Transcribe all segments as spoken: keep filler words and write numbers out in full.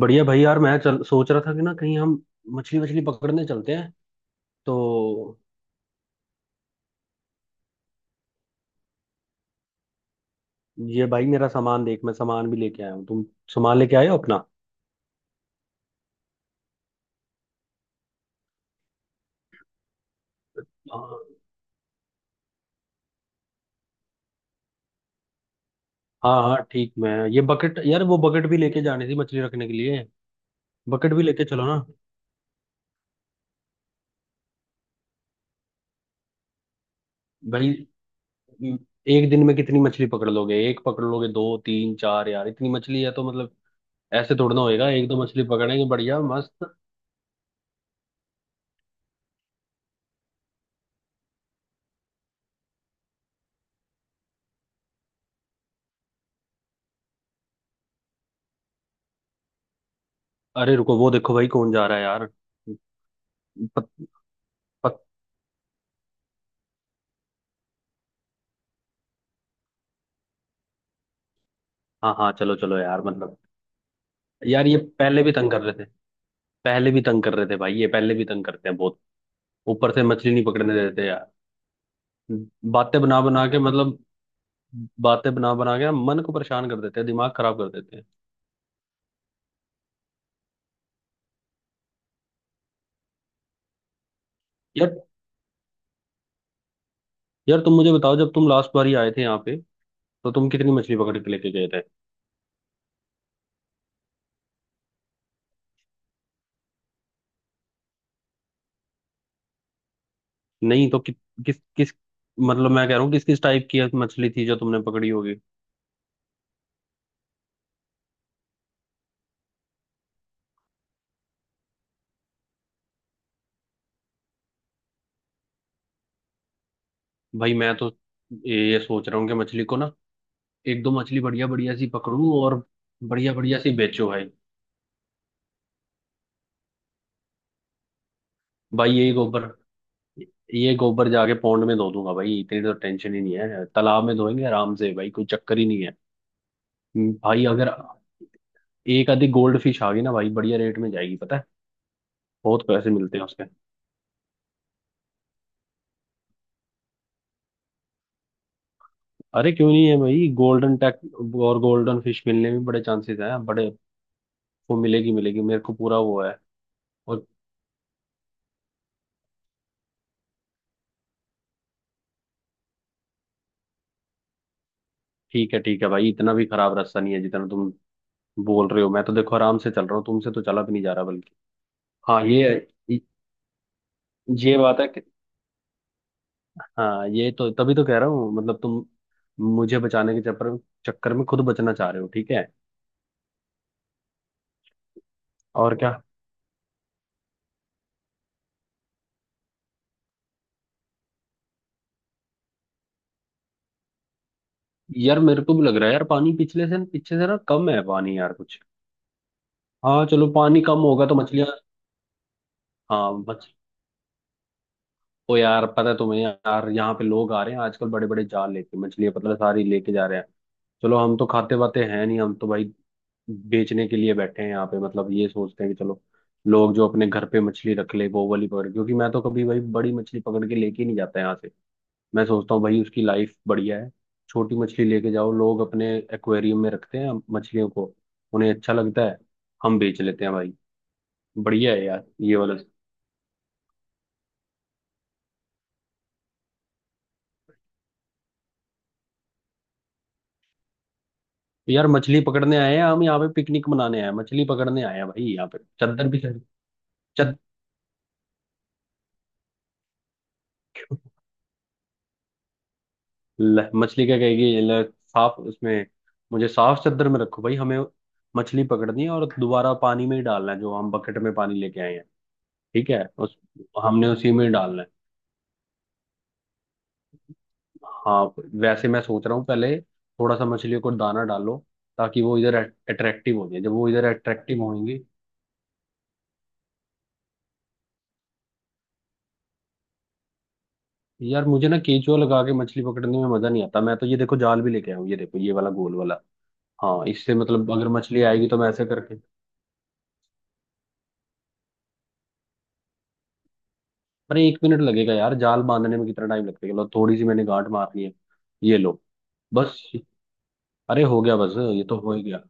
बढ़िया भाई यार। मैं चल सोच रहा था कि ना कहीं हम मछली वछली पकड़ने चलते हैं। तो ये भाई मेरा सामान देख, मैं सामान भी लेके आया हूँ। तुम सामान लेके आए हो अपना? हाँ हाँ हाँ, ठीक। मैं ये बकेट, यार वो बकेट भी लेके जानी थी मछली रखने के लिए। बकेट भी लेके चलो ना भाई। म, एक दिन में कितनी मछली पकड़ लोगे? एक पकड़ लोगे, दो तीन चार? यार इतनी मछली है तो मतलब, ऐसे थोड़ा ना होएगा। एक दो मछली पकड़ेंगे बढ़िया मस्त। अरे रुको, वो देखो भाई कौन जा रहा है यार। पत, पत, हाँ हाँ चलो चलो यार, मतलब। यार ये पहले भी तंग कर रहे थे, पहले भी तंग कर रहे थे भाई। ये पहले भी तंग करते हैं बहुत। ऊपर से मछली नहीं पकड़ने देते यार। बातें बना बना के मतलब बातें बना बना के ना मन को परेशान कर देते हैं, दिमाग खराब कर देते हैं। यार, यार तुम मुझे बताओ, जब तुम लास्ट बार ही आए थे यहाँ पे, तो तुम कितनी मछली पकड़ के लेके गए थे? नहीं तो कि, किस किस, मतलब मैं कह रहा हूँ किस किस टाइप की मछली थी जो तुमने पकड़ी होगी। भाई मैं तो ये ये सोच रहा हूँ कि मछली को ना एक दो मछली बढ़िया बढ़िया सी पकड़ूं और बढ़िया बढ़िया सी बेचो भाई। भाई यही गोबर ये गोबर जाके पौंड में धो दूंगा भाई। इतनी तो टेंशन ही नहीं है, तालाब में धोएंगे आराम से भाई। कोई चक्कर ही नहीं है। हम्म, भाई अगर एक आधी गोल्ड फिश आ गई ना भाई, बढ़िया रेट में जाएगी पता है। बहुत पैसे मिलते हैं उसके। अरे क्यों नहीं है भाई गोल्डन टैक और गोल्डन फिश मिलने में बड़े चांसेस हैं, बड़े। वो मिलेगी, मिलेगी, मेरे को पूरा वो है। और ठीक है, ठीक है भाई। इतना भी खराब रास्ता नहीं है जितना तुम बोल रहे हो। मैं तो देखो आराम से चल रहा हूँ, तुमसे तो चला भी नहीं जा रहा, बल्कि। हाँ ये ये बात है। हाँ ये तो तभी तो कह रहा हूँ मतलब, तुम मुझे बचाने के चक्कर, चक्कर में खुद बचना चाह रहे हो, ठीक है। और क्या, यार मेरे को भी लग रहा है यार, पानी पिछले से पीछे से ना कम है पानी यार कुछ। हाँ चलो, पानी कम होगा तो मछलियाँ। हाँ मछ ओ यार, पता है तुम्हें, यार यहाँ पे लोग आ रहे हैं आजकल बड़े बड़े जाल लेके, मछलियाँ पता है सारी लेके जा रहे हैं। चलो, हम तो खाते वाते हैं नहीं, हम तो भाई बेचने के लिए बैठे हैं यहाँ पे। मतलब ये सोचते हैं कि चलो, लोग जो अपने घर पे मछली रख ले वो वाली पकड़, क्योंकि मैं तो कभी भाई बड़ी मछली पकड़ के लेके ही नहीं जाता यहाँ से। मैं सोचता हूँ भाई उसकी लाइफ बढ़िया है। छोटी मछली लेके जाओ, लोग अपने एक्वेरियम में रखते हैं मछलियों को, उन्हें अच्छा लगता है। हम बेच लेते हैं भाई, बढ़िया है यार ये वाला। यार मछली पकड़ने आए हैं हम यहाँ पे, पिकनिक मनाने आए हैं? मछली पकड़ने आए हैं भाई, यहाँ पे चद्दर भी चाहिए। चद ल- मछली क्या कहेगी, ल- साफ उसमें, मुझे साफ चद्दर में रखो भाई। हमें मछली पकड़नी है और दोबारा पानी में ही डालना है, जो हम बकेट में पानी लेके आए हैं। ठीक है, उस हमने उसी में ही डालना है। हाँ, वैसे मैं सोच रहा हूँ पहले थोड़ा सा मछलियों को दाना डालो, ताकि वो इधर अट्रैक्टिव हो जाए, जब वो इधर अट्रैक्टिव होंगी। यार मुझे ना केंचुआ लगा के मछली पकड़ने में मजा नहीं आता। मैं तो ये देखो जाल भी लेके आया हूँ, ये देखो, ये वाला गोल वाला। हाँ इससे, मतलब अगर मछली आएगी तो मैं ऐसे करके। अरे एक मिनट लगेगा यार, जाल बांधने में कितना टाइम लगता है? लो थोड़ी सी मैंने गांठ मारनी है। ये लो, बस। अरे हो गया, बस, ये तो हो ही गया।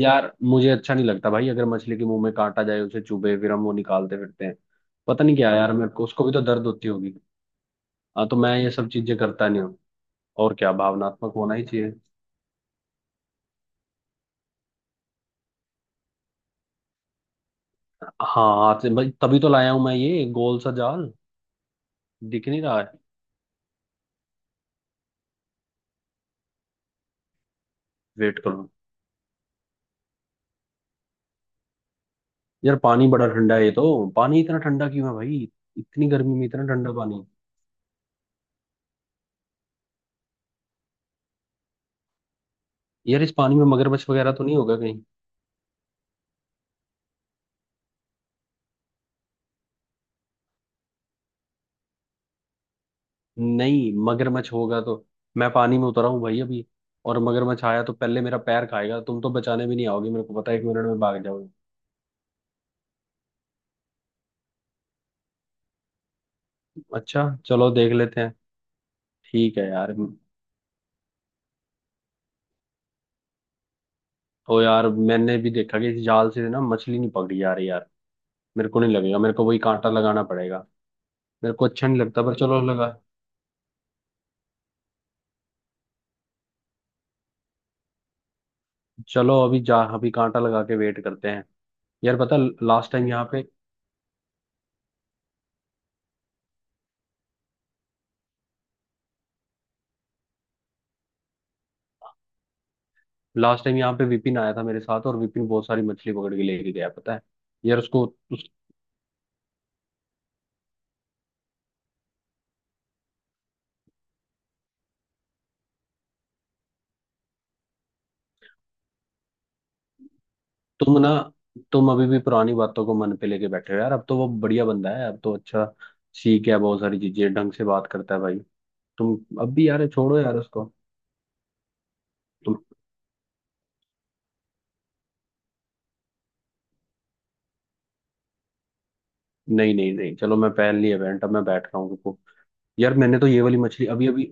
यार मुझे अच्छा नहीं लगता भाई, अगर मछली के मुंह में कांटा जाए, उसे चुभे, फिर हम वो निकालते फिरते हैं। पता नहीं क्या यार, मेरे को उसको भी तो दर्द होती होगी। हाँ तो मैं ये सब चीजें करता नहीं हूँ। और क्या, भावनात्मक होना ही चाहिए। हाँ हाथ से भाई, तभी तो लाया हूँ मैं ये गोल सा जाल। दिख नहीं रहा है, वेट करो। यार पानी बड़ा ठंडा है, ये तो पानी इतना ठंडा क्यों है भाई? इतनी गर्मी में इतना ठंडा पानी। यार इस पानी में मगरमच्छ वगैरह तो नहीं होगा कहीं? नहीं, मगरमच्छ होगा तो, मैं पानी में उतरा हूँ भाई अभी, और मगरमच्छ आया तो पहले मेरा पैर खाएगा। तुम तो बचाने भी नहीं आओगे मेरे को, पता है, एक मिनट में भाग जाओगे। अच्छा चलो देख लेते हैं। ठीक है यार। ओ यार मैंने भी देखा कि इस जाल से ना मछली नहीं पकड़ी जा रही यार। मेरे को नहीं लगेगा, मेरे को वही कांटा लगाना पड़ेगा। मेरे को अच्छा नहीं लगता पर चलो लगा, चलो अभी जा, अभी कांटा लगा के वेट करते हैं। यार पता, लास्ट टाइम यहाँ पे, लास्ट टाइम यहाँ पे विपिन आया था मेरे साथ, और विपिन बहुत सारी मछली पकड़ के लेके गया पता है। यार उसको, तुम ना, तुम अभी भी पुरानी बातों को मन पे लेके बैठे हो यार। अब तो वो बढ़िया बंदा है, अब तो अच्छा सीख गया, बहुत सारी चीजें ढंग से बात करता है भाई। तुम अब भी, यार छोड़ो यार उसको। तुम, नहीं नहीं नहीं, चलो मैं पहन ली इवेंट, अब मैं बैठ रहा हूँ, रुको। यार मैंने तो ये वाली मछली अभी अभी,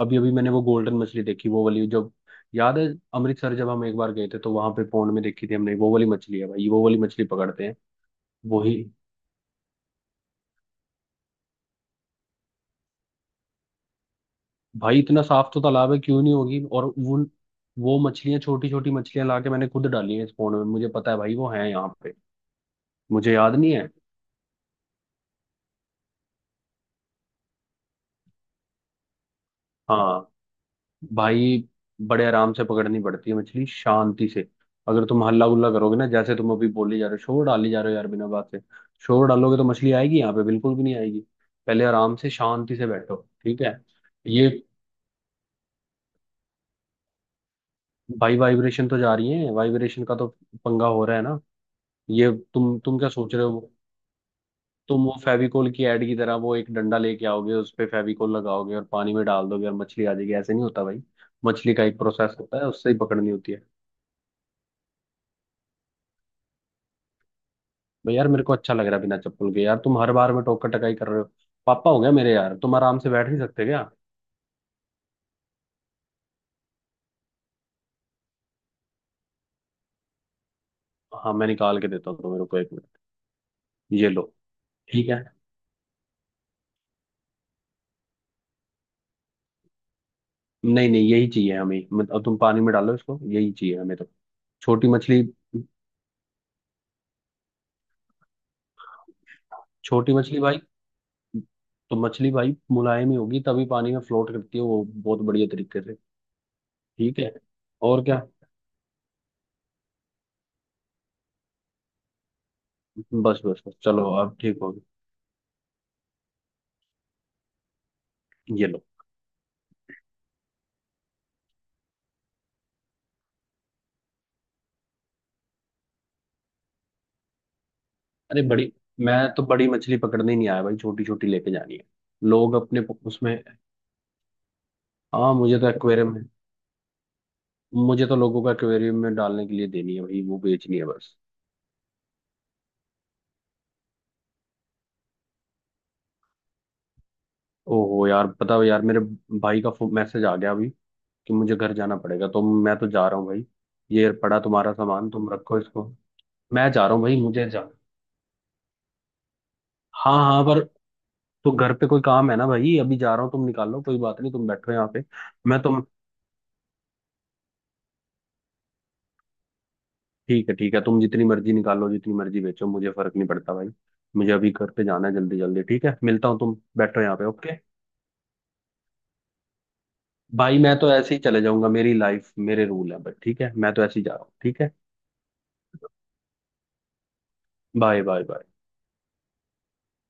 अभी अभी मैंने वो गोल्डन मछली देखी, वो वाली, जब याद है अमृतसर जब हम एक बार गए थे तो वहां पे पौंड में देखी थी हमने, वो वाली मछली है भाई, वो वाली मछली पकड़ते हैं। वही भाई, इतना साफ तो तालाब है, क्यों नहीं होगी? और वो वो मछलियां, छोटी छोटी मछलियां लाके मैंने खुद डाली है इस पौंड में, मुझे पता है भाई वो है यहाँ पे। मुझे याद नहीं है। हाँ भाई, बड़े आराम से पकड़नी पड़ती है मछली, शांति से। अगर तुम हल्ला गुल्ला करोगे ना, जैसे तुम अभी बोली जा रहे हो, शोर डाली जा रहे हो यार बिना बात से, शोर डालोगे तो मछली आएगी यहाँ पे बिल्कुल भी नहीं आएगी। पहले आराम से शांति से बैठो। ठीक है। ये भाई, वाइब्रेशन तो जा रही है, वाइब्रेशन का तो पंगा हो रहा है ना। ये तुम तुम क्या सोच रहे हो? तुम वो फेविकोल की ऐड की तरह वो एक डंडा लेके आओगे, उस पे फेविकोल लगाओगे और पानी में डाल दोगे और मछली आ जाएगी? ऐसे नहीं होता भाई। मछली का एक प्रोसेस होता है, उससे ही पकड़नी होती है। भाई यार मेरे को अच्छा लग रहा है बिना चप्पल के यार, तुम हर बार में टोकर टकाई कर रहे हो, पापा हो गया मेरे। यार तुम आराम से बैठ नहीं सकते क्या? हाँ मैं निकाल के देता हूँ तुम्हें, रुको एक मिनट। ये लो। ठीक है, नहीं नहीं यही चाहिए हमें, मत- अब तुम पानी में डालो इसको, यही चाहिए हमें तो। छोटी मछली, छोटी मछली भाई। तो मछली भाई मुलायम ही होगी, तभी पानी में फ्लोट करती है वो बहुत बढ़िया तरीके से। ठीक है। और क्या, बस बस बस चलो अब ठीक होगी। ये लो। अरे बड़ी, मैं तो बड़ी मछली पकड़ने ही नहीं आया भाई, छोटी छोटी लेके जानी है। लोग अपने प- उसमें, हाँ मुझे तो एक्वेरियम है, मुझे तो लोगों का एक्वेरियम में डालने के लिए देनी है भाई, वो बेचनी है बस। ओहो यार पता है यार, मेरे भाई का मैसेज आ गया अभी कि मुझे घर जाना पड़ेगा, तो मैं तो जा रहा हूँ भाई। ये पड़ा तुम्हारा सामान, तुम रखो इसको। मैं जा रहा हूँ भाई, मुझे जा, हाँ हाँ पर, तो घर पे कोई काम है ना भाई, अभी जा रहा हूँ तुम निकालो, कोई बात नहीं, तुम बैठो यहाँ पे। मैं तुम ठीक है, ठीक है, तुम जितनी मर्जी निकालो, जितनी मर्जी बेचो, मुझे फर्क नहीं पड़ता भाई। मुझे अभी घर पे जाना है जल्दी जल्दी, ठीक है मिलता हूँ, तुम बैठो यहाँ पे ओके। भाई मैं तो ऐसे ही चले जाऊंगा, मेरी लाइफ मेरे रूल है, बट ठीक है, मैं तो ऐसे ही जा रहा हूँ, ठीक है। Bye, bye, bye.